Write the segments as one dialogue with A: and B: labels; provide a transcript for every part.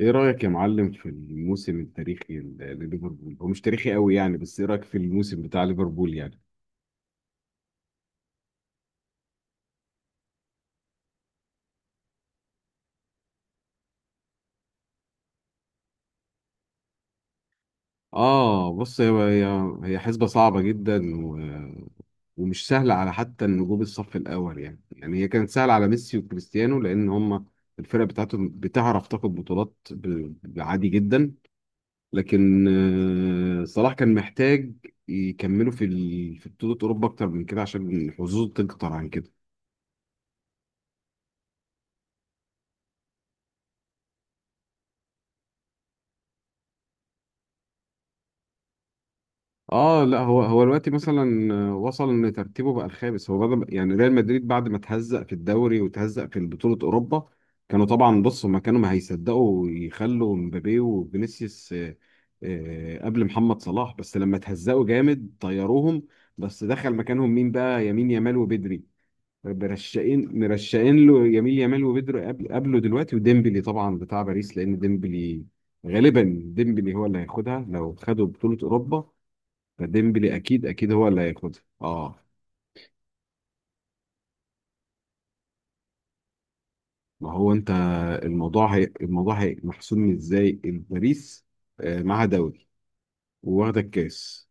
A: ايه رأيك يا معلم في الموسم التاريخي لليفربول؟ هو مش تاريخي قوي يعني، بس ايه رأيك في الموسم بتاع ليفربول يعني؟ اه بص، هي حسبة صعبة جدا ومش سهلة على حتى النجوم الصف الأول يعني، هي كانت سهلة على ميسي وكريستيانو لأن هما الفرق بتاعتهم بتعرف تاخد بطولات عادي جدا. لكن صلاح كان محتاج يكملوا في بطولة أوروبا أكتر من كده عشان حظوظه تكتر عن كده. اه لا، هو دلوقتي مثلا وصل ان ترتيبه بقى الخامس. هو بدأ يعني ريال مدريد بعد ما تهزق في الدوري وتهزق في بطولة اوروبا كانوا طبعا، بص هما كانوا ما هيصدقوا يخلوا مبابي وفينيسيوس قبل محمد صلاح، بس لما تهزقوا جامد طيروهم. بس دخل مكانهم مين بقى؟ يمين يامال وبدري. مرشقين، مرشقين له يمين يامال وبدري قبله دلوقتي، وديمبلي طبعا بتاع باريس. لان ديمبلي غالبا ديمبلي هو اللي هياخدها لو خدوا بطولة اوروبا، فديمبلي اكيد هو اللي هياخدها، اه. ما هو انت، الموضوع هي محسوم ازاي؟ إن باريس معاها دوري وواخده الكاس،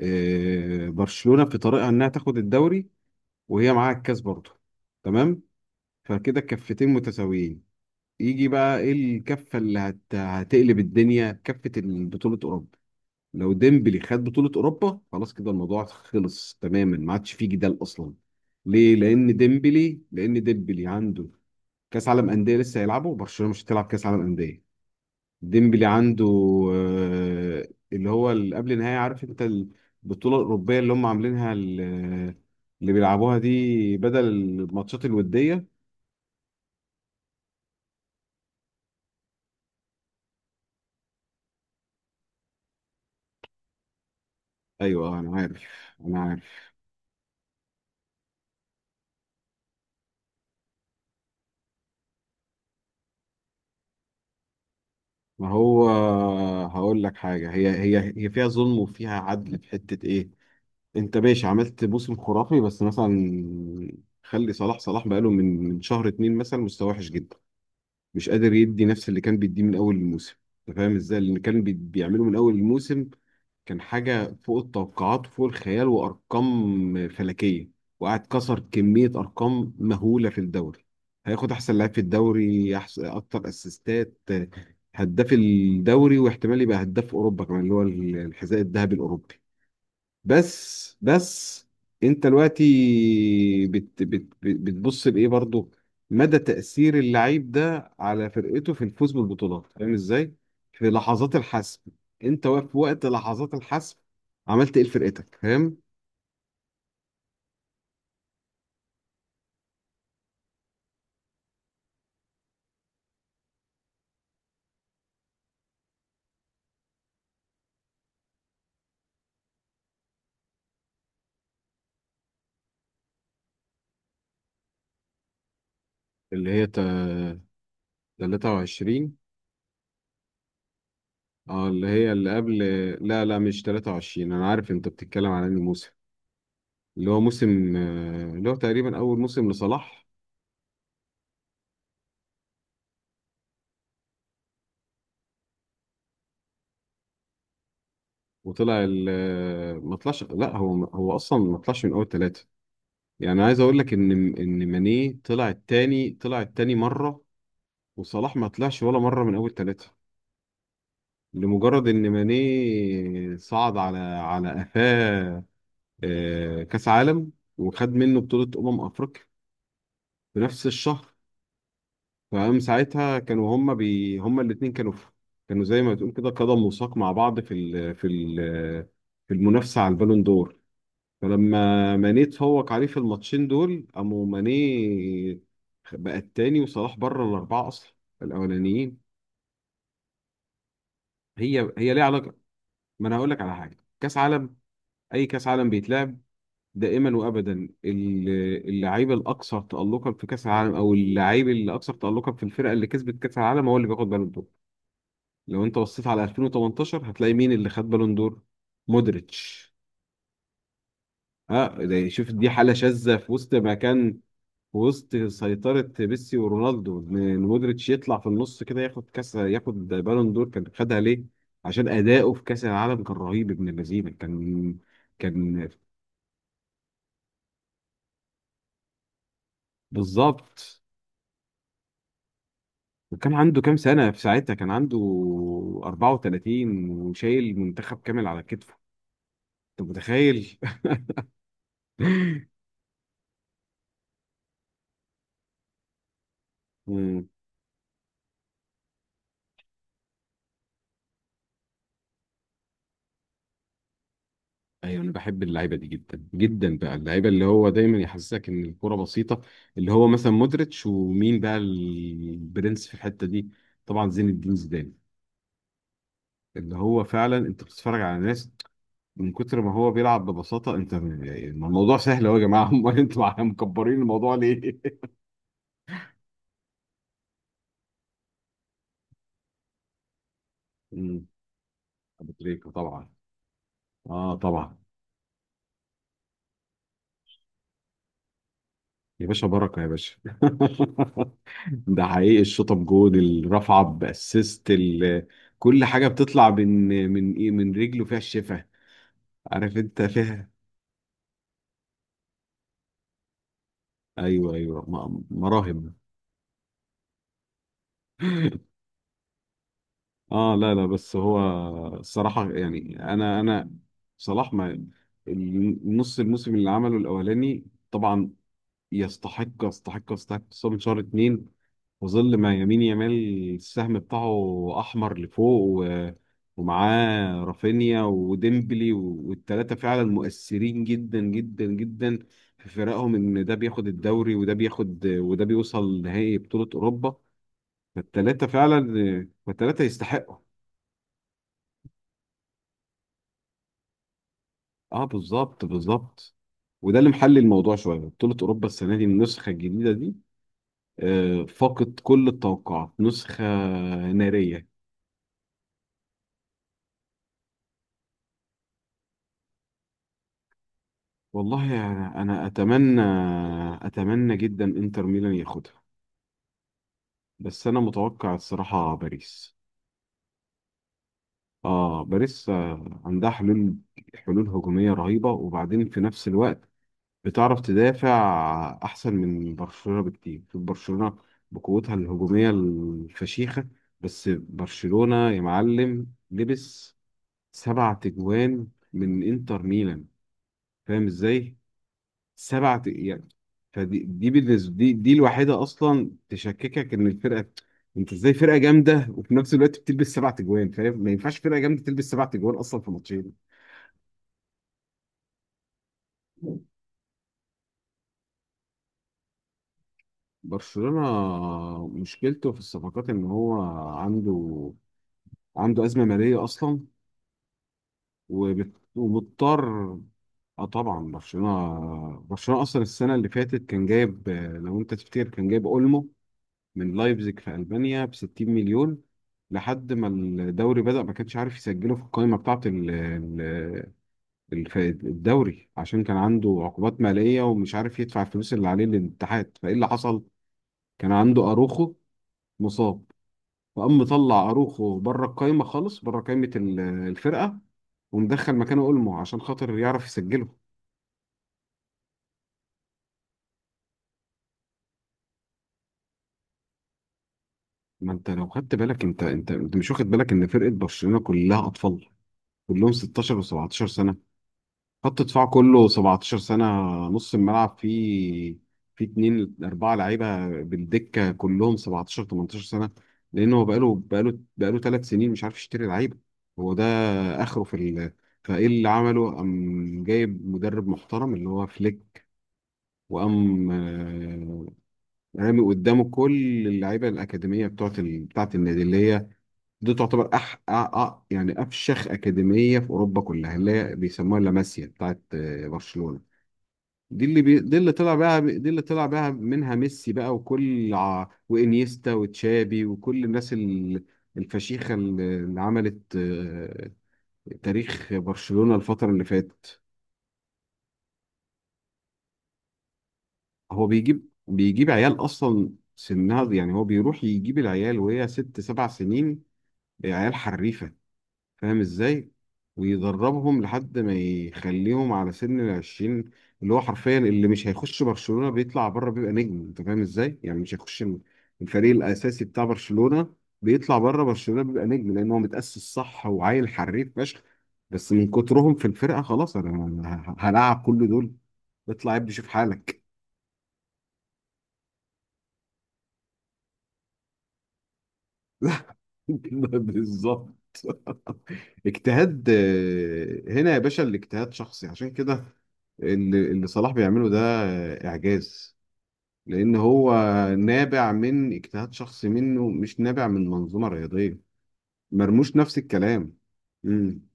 A: برشلونة في طريقها انها تاخد الدوري وهي معاها الكاس برضه. تمام، فكده الكفتين متساويين. يجي بقى ايه الكفة هتقلب الدنيا كفة؟ بطولة اوروبا. لو ديمبلي خد بطولة اوروبا خلاص، كده الموضوع خلص تماما، ما عادش فيه جدال اصلا. ليه؟ لأن ديمبلي عنده كاس عالم انديه لسه هيلعبه، برشلونه مش هتلعب كاس عالم انديه. ديمبلي عنده اللي هو اللي قبل النهائي، عارف انت، البطوله الاوروبيه اللي هم عاملينها اللي بيلعبوها دي بدل الماتشات الوديه. ايوه انا عارف، انا عارف. ما هو هقول لك حاجه، هي فيها ظلم وفيها عدل في حته ايه؟ انت ماشي عملت موسم خرافي، بس مثلا خلي صلاح بقاله من شهر اتنين مثلا مستواه وحش جدا، مش قادر يدي نفس اللي كان بيديه من اول الموسم. انت فاهم ازاي؟ اللي كان بيعمله من اول الموسم كان حاجه فوق التوقعات وفوق الخيال وارقام فلكيه، وقعد كسر كميه ارقام مهوله في الدوري. هياخد احسن لاعب في الدوري، احسن اكتر اسيستات، هداف الدوري، واحتمال يبقى هداف اوروبا كمان اللي هو الحذاء الذهبي الاوروبي. بس انت دلوقتي بت بت بتبص لايه برضه؟ مدى تأثير اللعيب ده على فرقته في الفوز بالبطولات، فاهم ازاي؟ في لحظات الحسم، انت واقف في وقت لحظات الحسم، عملت ايه لفرقتك؟ فاهم. اللي هي تا- 23. اه اللي هي اللي قبل. لا لا مش 23، انا عارف انت بتتكلم على انهي موسم، اللي هو موسم اللي هو تقريبا اول موسم لصلاح. وطلع ال ما طلعش. لا هو هو اصلا ما طلعش من اول ثلاثه. يعني عايز اقول لك ان ان ماني طلع التاني، طلع التاني مره، وصلاح ما طلعش ولا مره من اول ثلاثه، لمجرد ان ماني صعد على قفاه كاس عالم، وخد منه بطوله افريقيا في نفس الشهر. فقام ساعتها كانوا هما هما الاثنين كانوا في، كانوا زي ما تقول كده قدم وساق مع بعض في المنافسه على البالون دور. فلما ماني اتفوق عليه في الماتشين دول، قاموا ماني بقى التاني وصلاح بره الاربعه اصلا الاولانيين. هي ليها علاقه. ما انا هقول لك على حاجه، كاس عالم، اي كاس عالم بيتلعب دائما وابدا اللعيب الاكثر تالقا في كاس العالم او اللعيب الاكثر تالقا في الفرقه اللي كسبت كاس العالم هو اللي بياخد بالون دور. لو انت بصيت على 2018 هتلاقي مين اللي خد بالون دور؟ مودريتش. اه ده، شوف دي حاله شاذه في وسط ما كان، وسط سيطرة ميسي ورونالدو، إن مودريتش يطلع في النص كده ياخد كاس، ياخد بالون دور. كان خدها ليه؟ عشان أداؤه في كأس العالم كان رهيب ابن اللذينة، كان بالظبط. وكان عنده كام سنة في ساعتها؟ كان عنده 34 وشايل منتخب كامل على كتفه. أنت متخيل؟ ايوه، انا بحب اللعيبه دي جدا جدا بقى، اللعيبه اللي هو دايما يحسسك ان الكوره بسيطه، اللي هو مثلا مودريتش، ومين بقى البرنس في الحته دي؟ طبعا زين الدين زيدان. اللي هو فعلا انت بتتفرج على ناس من كتر ما هو بيلعب ببساطه، انت يعني الموضوع سهل اهو يا جماعه. امال انتوا مكبرين الموضوع ليه؟ امم، ابو تريكه طبعا. اه طبعا. يا باشا بركه يا باشا. ده حقيقي، الشطب، جون، الرفعه، باسيست كل حاجه بتطلع من من ايه من رجله فيها الشفا، عارف انت فيها. ايوه ايوه، مراهم. اه لا لا، بس هو الصراحه يعني، انا انا صلاح، ما النص الموسم اللي عمله الاولاني طبعا يستحق، يستحق، خصوصا من شهر اتنين. وظل ما يمين يامال السهم بتاعه احمر لفوق ومعاه رافينيا وديمبلي والتلاتة فعلا مؤثرين جدا في فرقهم، ان ده بياخد الدوري وده بياخد وده بيوصل نهائي بطولة اوروبا. فالتلاتة فعلا، فالتلاتة يستحقوا. اه بالظبط، بالظبط. وده اللي محلل الموضوع شويه، بطولة اوروبا السنة دي النسخة الجديدة دي فاقت كل التوقعات، نسخة نارية. والله يعني انا اتمنى، اتمنى جدا انتر ميلان ياخدها، بس انا متوقع الصراحه باريس. اه باريس عندها حلول، حلول هجوميه رهيبه، وبعدين في نفس الوقت بتعرف تدافع احسن من برشلونه بكتير. شوف برشلونه بقوتها الهجوميه الفشيخه، بس برشلونه يا معلم لبس سبع تجوان من انتر ميلان، فاهم ازاي؟ سبعة يعني. فدي بالنسبة، دي الوحيدة أصلا تشككك إن الفرقة، أنت إزاي فرقة جامدة وفي نفس الوقت بتلبس سبع تجوان؟ فاهم؟ ما ينفعش فرقة جامدة تلبس سبع تجوان أصلا في ماتشين. برشلونة مشكلته في الصفقات إن هو عنده عنده أزمة مالية أصلا، ومضطر. اه طبعا، برشلونة اصلا السنة اللي فاتت كان جايب لو انت تفتكر، كان جايب اولمو من لايبزيج في ألبانيا ب 60 مليون، لحد ما الدوري بدأ ما كانش عارف يسجله في القائمة بتاعة الدوري، عشان كان عنده عقوبات مالية ومش عارف يدفع الفلوس اللي عليه للاتحاد، فإيه اللي حصل؟ كان عنده أروخو مصاب، فقام مطلع أروخو بره القائمة خالص، بره قائمة الفرقة، ومدخل مكانه أولمو عشان خاطر يعرف يسجله. ما انت لو خدت بالك، انت مش واخد بالك ان فرقة برشلونة كلها أطفال، كلهم 16 و17 سنة، خط دفاع كله 17 سنة، نص الملعب فيه، في اتنين أربعة لعيبة بالدكة كلهم 17 18 سنة. لأن هو بقاله ثلاث سنين مش عارف يشتري لعيبة. هو ده آخره فإيه اللي عمله؟ قام جايب مدرب محترم اللي هو فليك، وقام رامي قدامه كل اللعيبة الأكاديمية بتاعت النادي، اللي هي دي تعتبر يعني أفشخ أكاديمية في أوروبا كلها، اللي هي بيسموها لاماسيا بتاعت برشلونة. دي دي اللي طلع بقى منها ميسي بقى، وانيستا وتشابي وكل الناس الفشيخة اللي عملت تاريخ برشلونة الفترة اللي فاتت. هو بيجيب عيال أصلا سنها يعني، هو بيروح يجيب العيال وهي ست سبع سنين، عيال حريفة، فاهم ازاي، ويدربهم لحد ما يخليهم على سن العشرين، اللي هو حرفيا اللي مش هيخش برشلونة بيطلع بره بيبقى نجم. انت فاهم ازاي يعني؟ مش هيخش الفريق الاساسي بتاع برشلونة، بيطلع بره برشلونة بيبقى نجم، لان هو متأسس صح وعيل حريف فشخ، بس من كترهم في الفرقة خلاص انا هلاعب كل دول، اطلع يا ابني شوف حالك. بالظبط. اجتهاد هنا يا باشا، الاجتهاد شخصي عشان كده، اللي صلاح بيعمله ده اعجاز، لأن هو نابع من اجتهاد شخصي منه، مش نابع من منظومة رياضية. مرموش نفس الكلام. امم.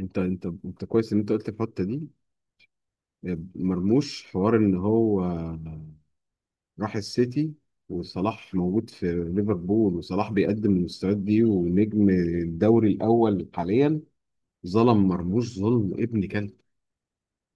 A: انت كويس ان انت قلت الحتة دي، مرموش حوار ان هو راح السيتي وصلاح موجود في ليفربول، وصلاح بيقدم المستويات دي ونجم الدوري الأول حاليا. ظلم مرموش، ظلم ابن كلب.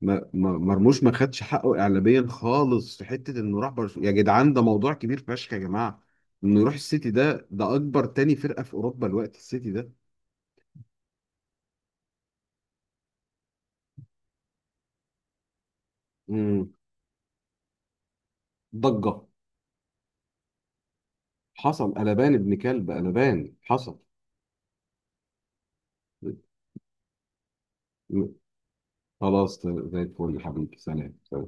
A: مرموش ما خدش حقه اعلاميا خالص في حته انه راح برشلونه، يا جدعان ده موضوع كبير فشخ يا جماعه. انه يروح السيتي ده، ده اكبر تاني فرقه في اوروبا الوقت، السيتي ده. امم، ضجه. حصل قلبان ابن كلب، قلبان حصل. م- خلاص زي الفل يا حبيبي، سلام سلام.